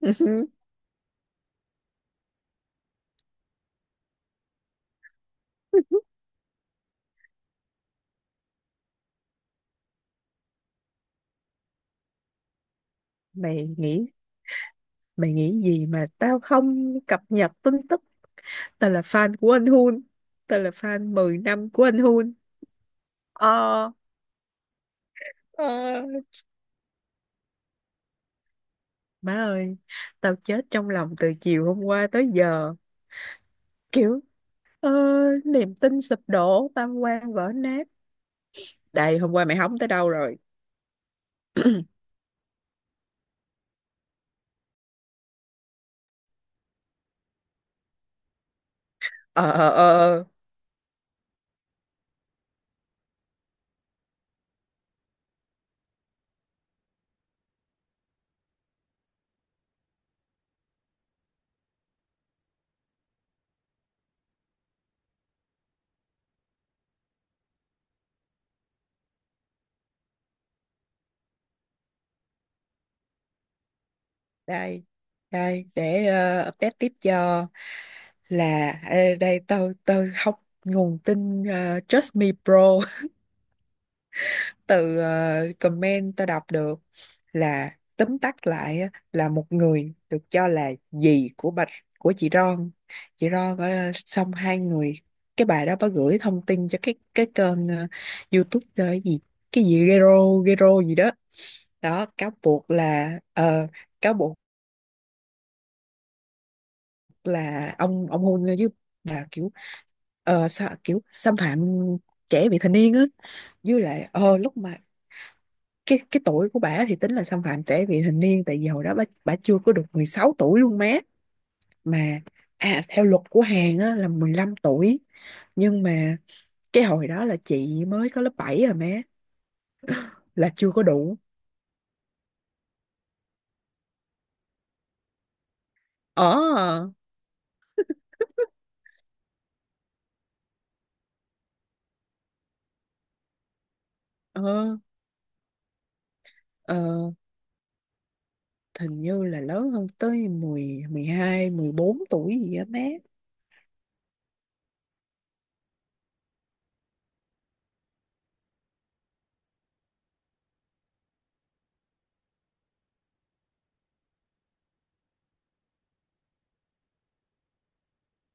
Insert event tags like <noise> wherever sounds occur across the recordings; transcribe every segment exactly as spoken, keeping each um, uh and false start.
<laughs> Ừ hứ. mày nghĩ mày nghĩ gì mà tao không cập nhật tin tức? Tao là fan của anh Hun. Tao là fan mười năm của anh Hun. ờ Ờ, má ơi, tao chết trong lòng từ chiều hôm qua tới giờ, kiểu, ờ, niềm tin sụp đổ, tam quan vỡ nát. Đây, hôm qua mày hóng tới đâu rồi? ờ ờ ờ ờ. Đây, đây để ờ, update tiếp cho. Là ờ, đây, tao tao học nguồn tin ờ, Trust Me Pro, từ ờ, comment tao đọc được, là tóm tắt lại á, là một người được cho là dì của bạch, của chị Ron. Chị Ron ờ, xong hai người, cái bà đó bà gửi thông tin cho cái cái kênh ờ, YouTube ờ, cái gì, cái gì Gero Gero gì đó đó. Cáo buộc là ờ, cáo buộc là ông ông hôn với bà, kiểu ờ, sao, kiểu xâm phạm trẻ vị thành niên á. Với lại ờ, lúc mà cái cái tuổi của bả thì tính là xâm phạm trẻ vị thành niên, tại vì hồi đó bả bả chưa có được mười sáu tuổi luôn má. Mà à, theo luật của Hàn á, là mười lăm tuổi, nhưng mà cái hồi đó là chị mới có lớp bảy rồi má, là chưa có đủ. ờ ờ ờ Hình như là lớn hơn tới mười, mười hai, mười bốn tuổi gì á má.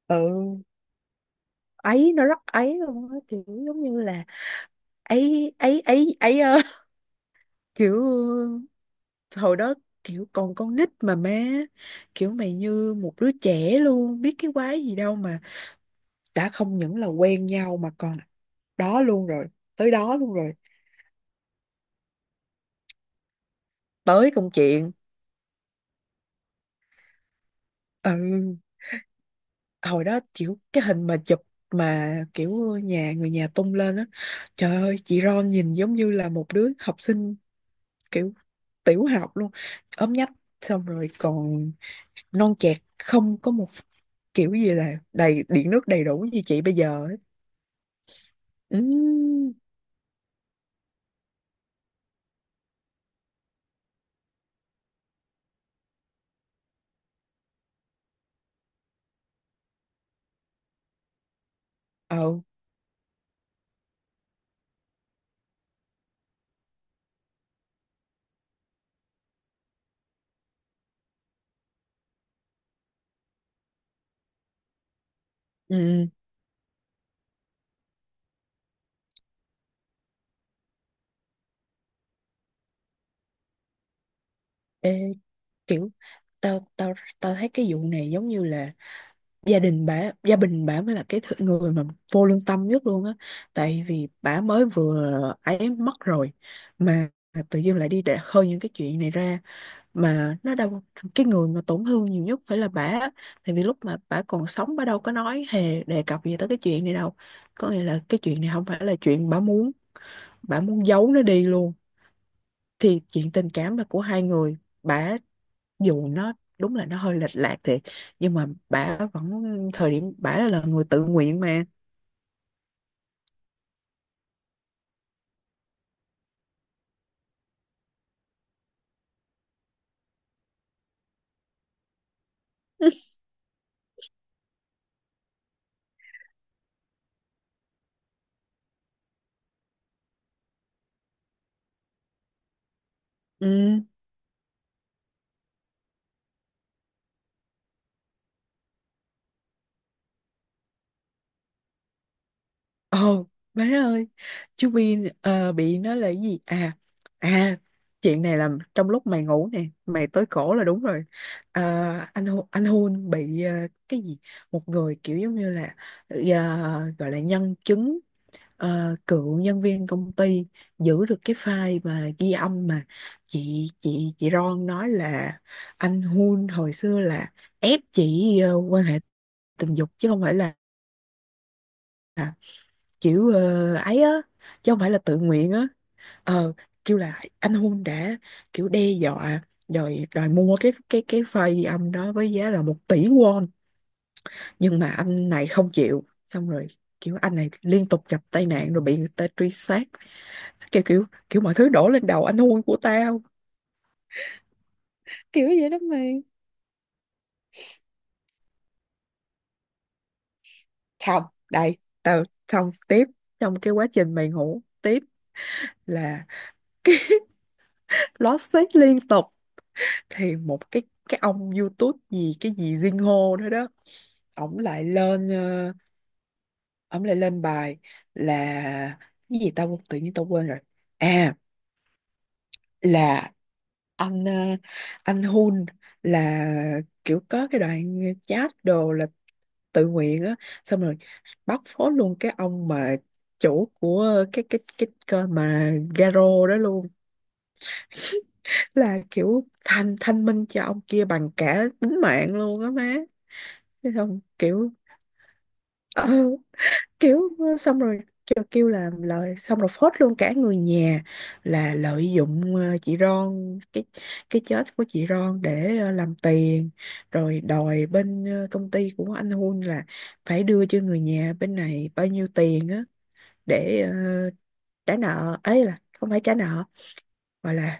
Ừ, ấy nó rất ấy luôn á, kiểu giống như là ấy ấy ấy ấy ơ, <laughs> kiểu hồi đó kiểu còn con nít mà má, kiểu mày như một đứa trẻ luôn, biết cái quái gì đâu mà. Đã không những là quen nhau mà còn đó luôn rồi, tới đó luôn rồi, tới công chuyện. Ừ, hồi đó kiểu cái hình mà chụp mà kiểu nhà người nhà tung lên á, trời ơi, chị Ron nhìn giống như là một đứa học sinh, kiểu tiểu học luôn, ốm nhách, xong rồi còn non chẹt, không có một kiểu gì là đầy điện nước đầy đủ như chị bây giờ. ừ ừ ừ Ê, kiểu tao tao tao thấy cái vụ này giống như là gia đình bả, gia đình bả mới là cái thứ- người mà vô lương tâm nhất luôn á. Tại vì bả mới vừa ấy mất rồi, mà tự dưng lại đi để khơi những cái chuyện này ra. Mà nó đâu, cái người mà tổn thương nhiều nhất phải là bả á. Tại vì lúc mà bả còn sống, bả đâu có nói hề đề cập gì tới cái chuyện này đâu, có nghĩa là cái chuyện này không phải là chuyện bả muốn. Bả muốn giấu nó đi luôn, thì chuyện tình cảm là của hai người. Bả dù nó đúng là nó hơi lệch lạc thiệt, nhưng mà bả vẫn, thời điểm bả là người tự nguyện mà. Ừ. Ồ, má ơi, chú Bin ờ, bị nó là cái gì à. À, chuyện này là trong lúc mày ngủ nè, mày tới cổ là đúng rồi. Ờ, anh Hu- anh Hun bị ờ, cái gì, một người kiểu giống như là ờ, gọi là nhân chứng, ờ, cựu nhân viên công ty, giữ được cái file mà ghi âm mà chị chị chị Ron nói là anh Hun hồi xưa là ép chị ờ, quan hệ tình dục, chứ không phải là kiểu ờ, ấy á, chứ không phải là tự nguyện á. ờ Kêu là anh Hun đã kiểu đe dọa, rồi đòi mua cái cái cái file ghi âm đó với giá là một tỷ won, nhưng mà anh này không chịu. Xong rồi kiểu anh này liên tục gặp tai nạn, rồi bị người ta truy sát, kiểu kiểu kiểu mọi thứ đổ lên đầu anh hôn của tao, kiểu vậy đó mày. Không, đây, tao xong tiếp, trong cái quá trình mày ngủ tiếp là lót xét liên tục. Thì một cái cái ông YouTube gì, cái gì Jin Ho nữa đó, ổng lại lên ờ, ổng lại lên bài là cái gì, tao tự nhiên tao quên rồi. À, là anh ờ, anh Hun là kiểu có cái đoạn chat đồ là tự nguyện á. Xong rồi bóc phốt luôn cái ông mà chủ của cái cái cái kênh mà Garo đó luôn, là kiểu thanh, thanh minh cho ông kia bằng cả tính mạng luôn á má. Thấy không, kiểu, kiểu ờ, xong rồi kêu, kêu là lời, xong rồi phốt luôn cả người nhà, là lợi dụng ờ, chị Ron, cái cái chết của chị Ron để ờ, làm tiền, rồi đòi bên ờ, công ty của anh Hun là phải đưa cho người nhà bên này bao nhiêu tiền á, để ờ, trả nợ, ấy là không phải trả nợ, mà là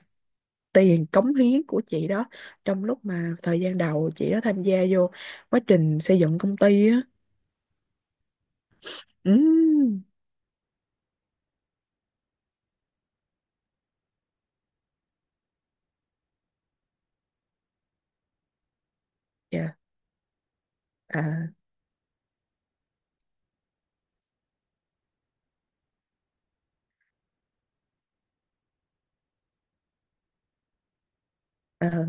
tiền cống hiến của chị đó, trong lúc mà thời gian đầu chị đó tham gia vô quá trình xây dựng công ty á. Ừ. Dạ. À. À,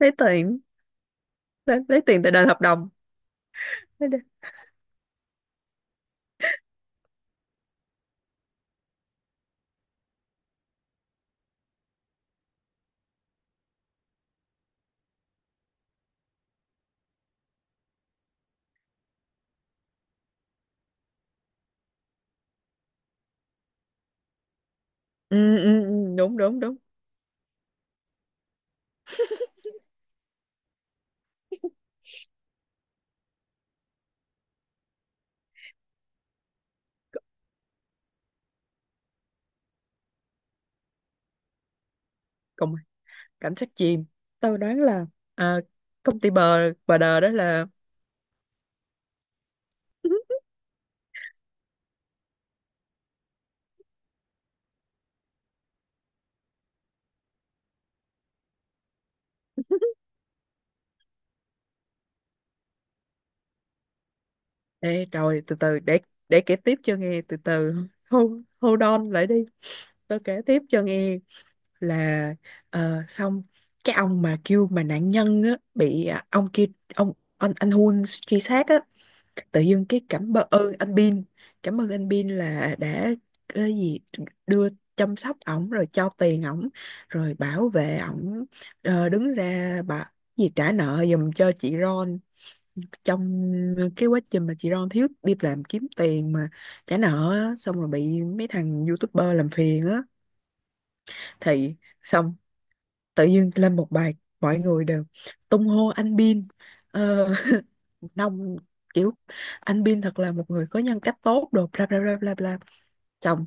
thấy tiền. Lấy, lấy tiền từ đền hợp đồng. Lấy đi. ừ, ừ, ừ, Đúng đúng đúng. Cùng, cảnh sát chìm. Tao đoán là à, công ty bờ bờ đờ đó là <laughs> Ê, rồi từ từ, để để kể tiếp cho nghe, từ từ, hold, hold on lại đi, tao kể tiếp cho nghe. Là ờ, xong, cái ông mà kêu mà nạn nhân á, bị à, ông kia, ông anh anh Hun truy sát á, tự dưng cái cảm ơn anh Bin, cảm ơn anh Bin là đã cái gì, đưa, chăm sóc ổng rồi cho tiền ổng, rồi bảo vệ ổng, ờ, đứng ra bà gì, trả nợ giùm cho chị Ron, trong cái quá trình mà chị Ron thiếu, đi làm kiếm tiền mà trả nợ á, xong rồi bị mấy thằng YouTuber làm phiền á. Thì xong tự dưng lên một bài, mọi người đều tung hô anh Bin, ờ, nông kiểu anh Bin thật là một người có nhân cách tốt đồ, bla bla bla bla bla. Chồng,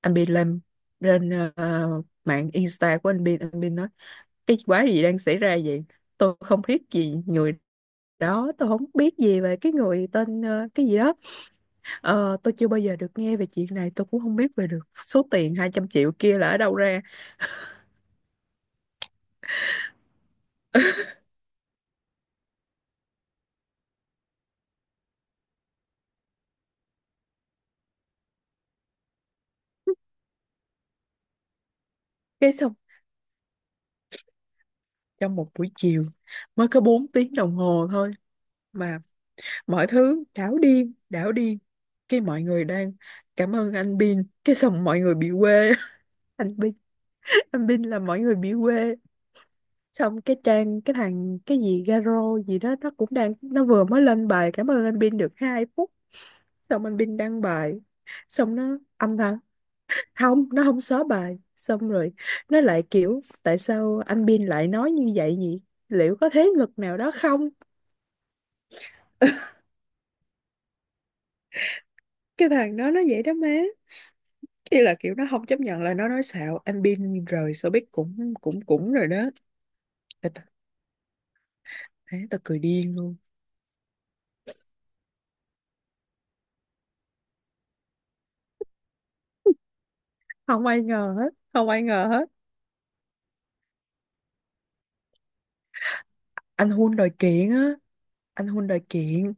anh Bin lên, lên ờ, mạng Insta của anh Bin, anh Bin nói cái quái gì đang xảy ra vậy, tôi không biết gì người đó, tôi không biết gì về cái người tên ờ, cái gì đó. Ờ, tôi chưa bao giờ được nghe về chuyện này, tôi cũng không biết về được số tiền hai trăm triệu kia là ở đâu ra. Cái xong trong một buổi chiều, mới có bốn tiếng đồng hồ thôi, mà mọi thứ đảo điên đảo điên. Cái mọi người đang cảm ơn anh Bin, cái xong mọi người bị quê. <laughs> Anh Bin, anh Bin là mọi người bị quê. Xong cái trang, cái thằng cái gì Garo gì đó, nó cũng đang, nó vừa mới lên bài cảm ơn anh Bin được hai phút, xong anh Bin đăng bài, xong nó âm thầm, không, nó không xóa bài, xong rồi nó lại kiểu tại sao anh Bin lại nói như vậy nhỉ, liệu có thế lực nào đó không. <laughs> Cái thằng đó nó vậy đó má, ý là kiểu nó không chấp nhận là nó nói xạo. Anh Bin rời showbiz cũng cũng cũng rồi đó. Tao tao, ế, tao cười điên luôn. Không ai ngờ hết, không ai ngờ hết. Anh Hun đòi kiện á. Anh Hun đòi kiện.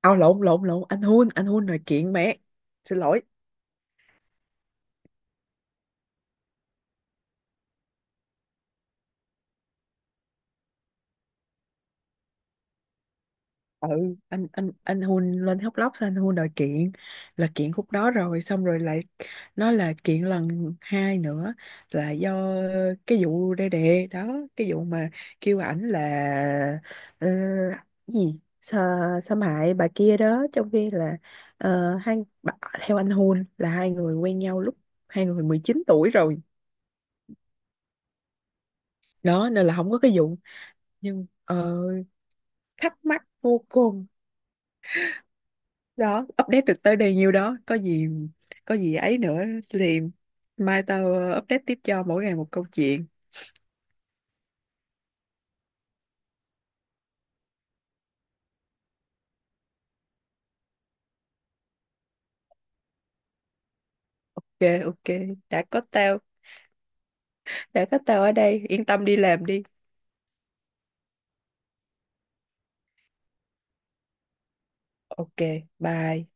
À, lộn lộn lộn, anh Hun anh Hun đòi kiện mẹ, xin lỗi. Ừ, anh anh anh hun lên khóc lóc xong anh hun đòi kiện, là kiện khúc đó rồi xong rồi lại nói là kiện lần hai nữa, là do cái vụ đê đề đó, cái vụ mà kêu ảnh là ờ, gì, Sa, xâm hại bà kia đó, trong khi là ờ, hai bà- theo anh hun là hai người quen nhau lúc hai người mười chín tuổi rồi đó, nên là không có cái vụ. Nhưng ờ, thắc mắc vô cùng. Đó, update được tới đây nhiêu đó, có gì, có gì ấy nữa thì mai tao ờ, update tiếp cho, mỗi ngày một câu chuyện. Ok ok, đã có tao, đã có tao ở đây, yên tâm đi làm đi. Ok, bye.